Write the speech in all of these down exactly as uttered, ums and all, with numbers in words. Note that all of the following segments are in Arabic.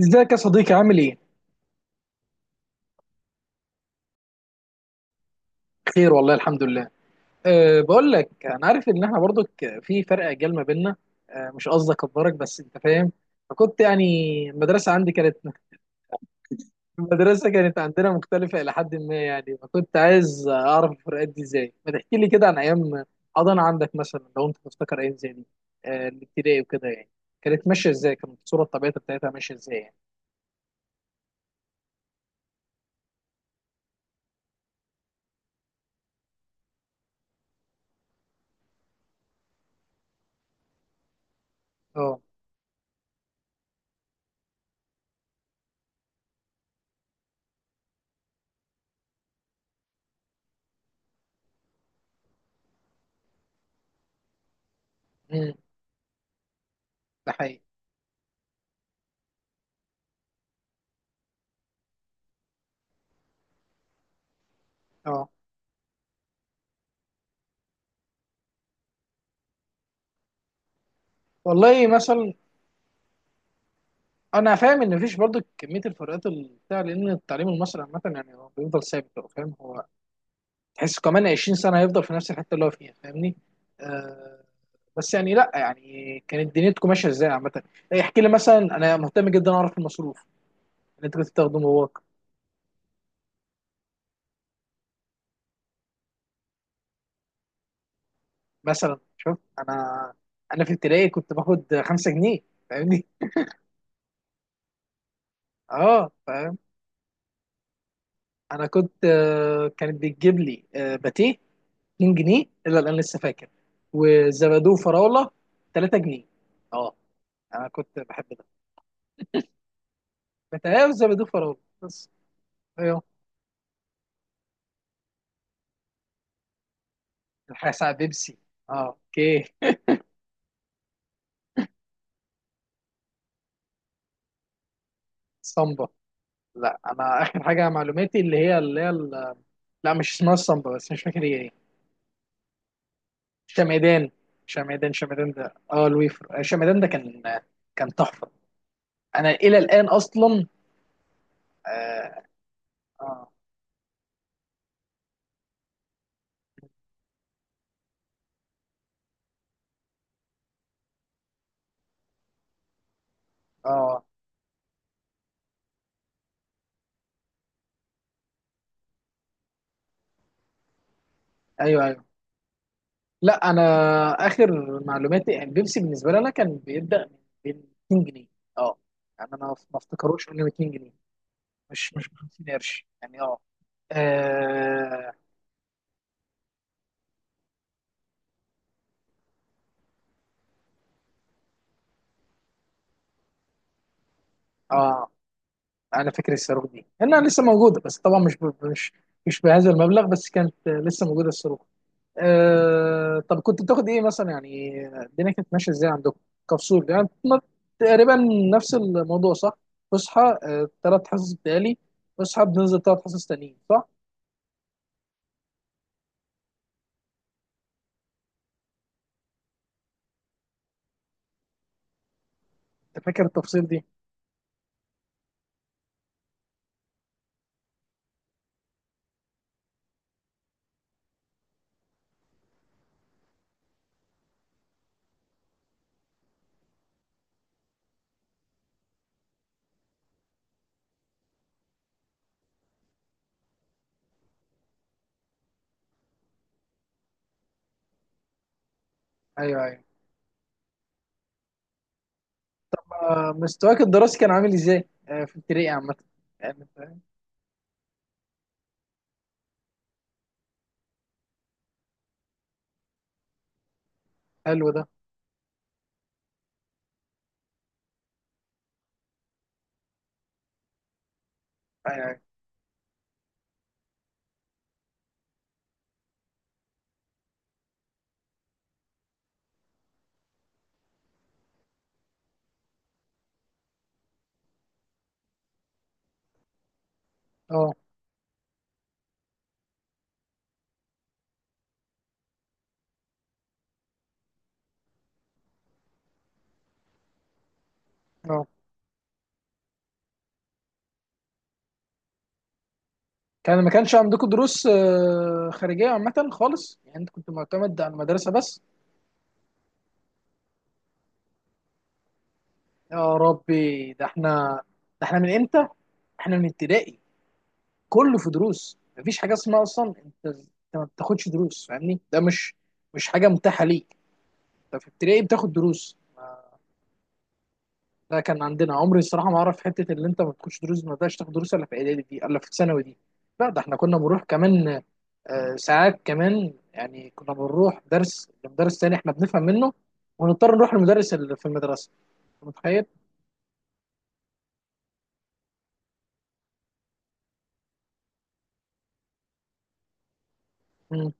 ازيك يا صديقي عامل ايه؟ بخير والله الحمد لله. أه بقول لك، انا عارف ان احنا برضو في فرق اجيال ما بيننا. أه مش قصدي اكبرك، بس انت فاهم. فكنت يعني المدرسه عندي كانت المدرسه كانت عندنا مختلفه الى حد ما يعني، فكنت عايز اعرف الفروقات دي ازاي؟ ما تحكي لي كده عن ايام حضانه عندك مثلا، لو انت تفتكر ايام زي دي. أه الابتدائي وكده يعني كانت ماشيه ازاي؟ كانت الصوره الطبيعيه بتاعتها ماشيه ازاي يعني؟ اه. امم ده حقيقي. اه، والله مثلا انا فاهم ان مفيش برضه كميه الفروقات ال- بتاع، لان التعليم المصري عامه يعني هو بيفضل ثابت، هو فاهم، هو تحس كمان عشرين سنة سنه هيفضل في نفس الحته اللي هو فيها، فاهمني. آه. بس يعني لا يعني كانت دنيتكم ماشيه ازاي عامه؟ إيه، احكي لي مثلا، انا مهتم جدا اعرف المصروف اللي انت كنت بتاخده من باباك. مثلا شوف انا انا في ابتدائي كنت باخد 5 جنيه، فاهمني. اه فاهم. انا كنت آه كانت بتجيب لي آه باتيه 2 جنيه، الا الان لسه فاكر، وزبادو فراوله 3 جنيه. اه، انا كنت بحب ده. بتهيألي زبادو فراوله بس. ايوه. الحاجه ساعه بيبسي، اه اوكي. صمبا، لا انا اخر حاجه معلوماتي اللي هي اللي هي ال- لا، مش اسمها الصمبا، بس مش فاكر هي ايه. شمعدان. شمعدان، شمعدان ده اه الويفر، آه، شمعدان ده كان كان تحفه. انا الى الان اصلا، اه. اه. آه. ايوه ايوه. لا انا اخر معلوماتي يعني بيبسي بالنسبه لي، انا كان بيبدا من 200 جنيه. اه يعني انا ما افتكروش انه 200 جنيه، مش مش ب 50 قرش يعني. اه اه. آه، انا فاكر الصاروخ دي انها لسه موجوده، بس طبعا مش ب- مش مش بهذا المبلغ، بس كانت لسه موجوده الصاروخ. آه، طب كنت بتاخد ايه مثلا؟ يعني الدنيا كانت ماشيه ازاي عندكم كفصول يعني ما- تقريبا نفس الموضوع صح؟ تصحى ثلاث حصص بتالي، بصحى بننزل ثلاث حصص تانيين. انت فاكر التفاصيل دي؟ ايوه ايوه. آه، مستواك الدراسي كان عامل ازاي آه، في ابتدائي عامه؟ يعني أنت- حلو ده. ايوه ايوه. اه اه، كان ما كانش عندكم دروس آه، خارجيه عامه خالص؟ يعني انت كنت معتمد على المدرسه بس. يا ربي، ده احنا، ده احنا من امتى، احنا من ابتدائي كله في دروس. مفيش حاجه اسمها اصلا انت انت ما بتاخدش دروس، فاهمني؟ ده مش مش حاجه متاحه ليك. انت في ابتدائي بتاخد دروس. لا، كان عندنا، عمري الصراحه ما اعرف حته اللي انت ما بتخش دروس، ما تقدرش تاخد دروس الا في اعدادي دي، الا في ثانوي دي. لا ده احنا كنا بنروح كمان آه، ساعات كمان، يعني كنا بنروح درس لمدرس تاني احنا بنفهم منه، ونضطر نروح للمدرس اللي في المدرسه. أنت متخيل؟ مم.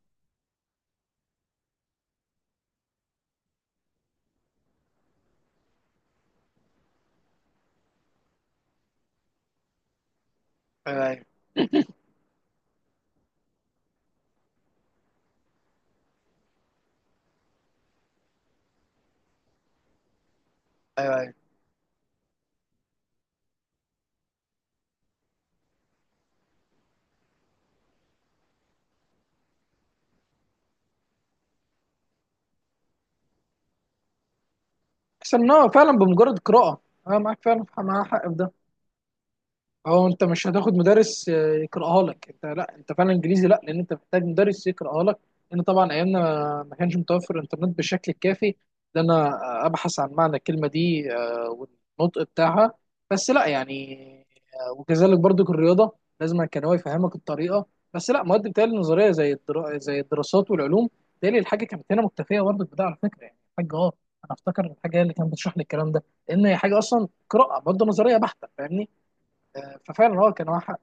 ايوه ايوه، ايوه ايوه. احسن ان هو فعلا بمجرد قراءه. انا معاك، فعلا مع حق في ده. هو انت مش هتاخد مدرس آه، يقراها لك، انت لا، انت فعلا انجليزي لا، لان انت محتاج مدرس يقراها لك، لان طبعا ايامنا ما ما كانش متوفر الانترنت بالشكل الكافي ان انا ابحث عن معنى الكلمه دي، آه، والنطق بتاعها. بس لا يعني آه، وكذلك برضو الرياضه، لازم كان هو يفهمك الطريقه. بس لا، مواد بتهيألي النظريه زي الدرا... زي الدراسات والعلوم بتهيألي الحاجه كانت هنا مكتفيه برضو بده، على فكره يعني الحاجه اه، انا افتكر الحاجه هي اللي كانت بتشرح لي الكلام ده، لان هي حاجه اصلا قراءه برضو نظريه بحته، فاهمني. ففعلا هو كان واحد.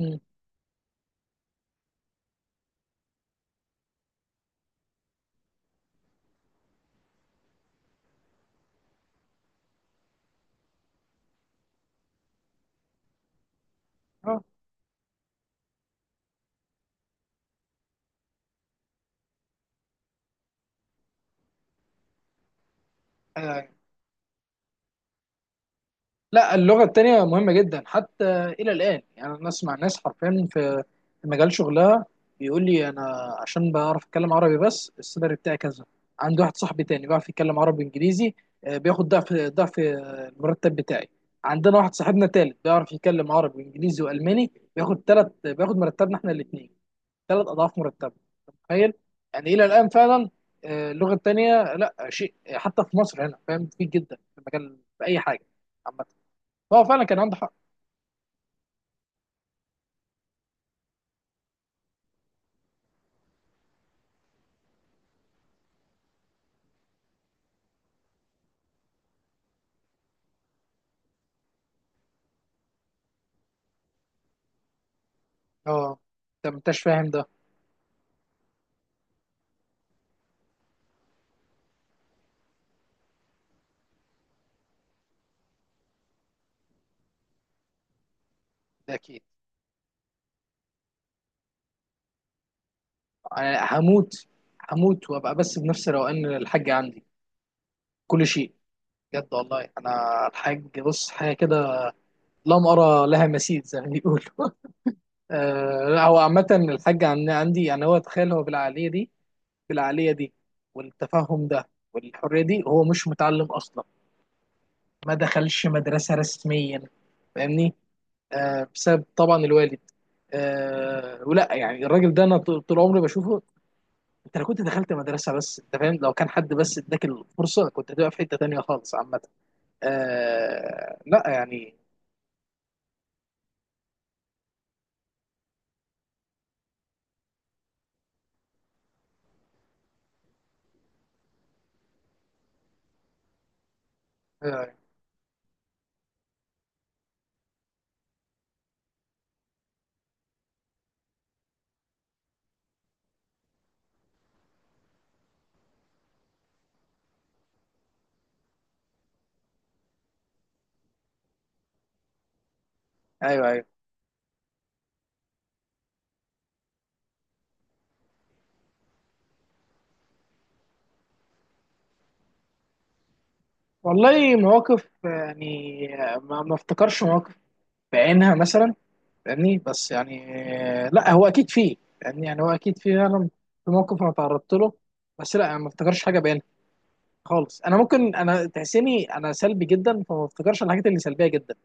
مم. اه. آه. لا، اللغه التانيه مهمه جدا، حتى الى الان، يعني انا اسمع ناس حرفيا في في مجال شغلها بيقول لي انا عشان بعرف اتكلم عربي بس السالري بتاعي كذا، عندي واحد صاحبي تاني بيعرف يتكلم عربي انجليزي، آه، بياخد ضعف ضعف آه، المرتب بتاعي. عندنا واحد صاحبنا تالت بيعرف يتكلم عربي وانجليزي والماني، بياخد تلت، بياخد مرتبنا احنا الاثنين، ثلاث اضعاف مرتبه. أنت متخيل؟ يعني الى الان فعلا آه، اللغه الثانيه لا شيء، حتى في مصر هنا، فاهم كتير جدا في المجال، في اي حاجه عامه. هو فعلا كان عنده حق. اه. انت ما انتش فاهم ده، ده اكيد. انا هموت هموت وابقى بس بنفس روقان الحاج عندي. كل شيء، بجد والله انا الحاج، بص حاجه كده لم ارى لها مثيل زي ما بيقولوا آه، لا هو عامه الحاج عن- عندي، يعني هو تخيل هو بالعقليه دي، في العقلية دي، والتفهم ده، والحرية دي، هو مش متعلم أصلا، ما دخلش مدرسة رسميا، فاهمني. آه بسبب طبعا الوالد. آه ولا يعني، الراجل ده أنا طول طول عمري بشوفه. أنت لو كنت دخلت مدرسة، بس أنت فاهم، لو كان حد بس إداك الفرصة كنت هتبقى في حتة تانية خالص عامة. آه لا يعني. آه أيوه أيوه. والله مواقف يعني، آه، ما ما افتكرش مواقف بعينها مثلا، فاهمني. بس يعني لا، هو اكيد فيه، يعني يعني هو اكيد فيه، انا في موقف انا تعرضت له، بس لا انا ما افتكرش حاجه بينها خالص. انا ممكن انا تحسيني انا سلبي جدا، فما افتكرش الحاجات اللي سلبيه جدا،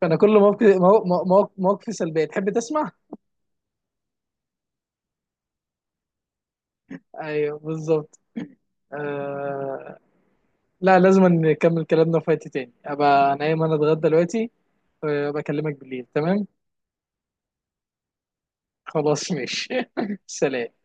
فانا كل موقف مو- مو- مو- مواقفي سلبيه. تحب تسمع؟ ايوه بالظبط. آه... لا لازم نكمل كلامنا في وقت تاني، ابقى نايم، انا اتغدى دلوقتي وابقى اكلمك بالليل، تمام. خلاص ماشي. سلام.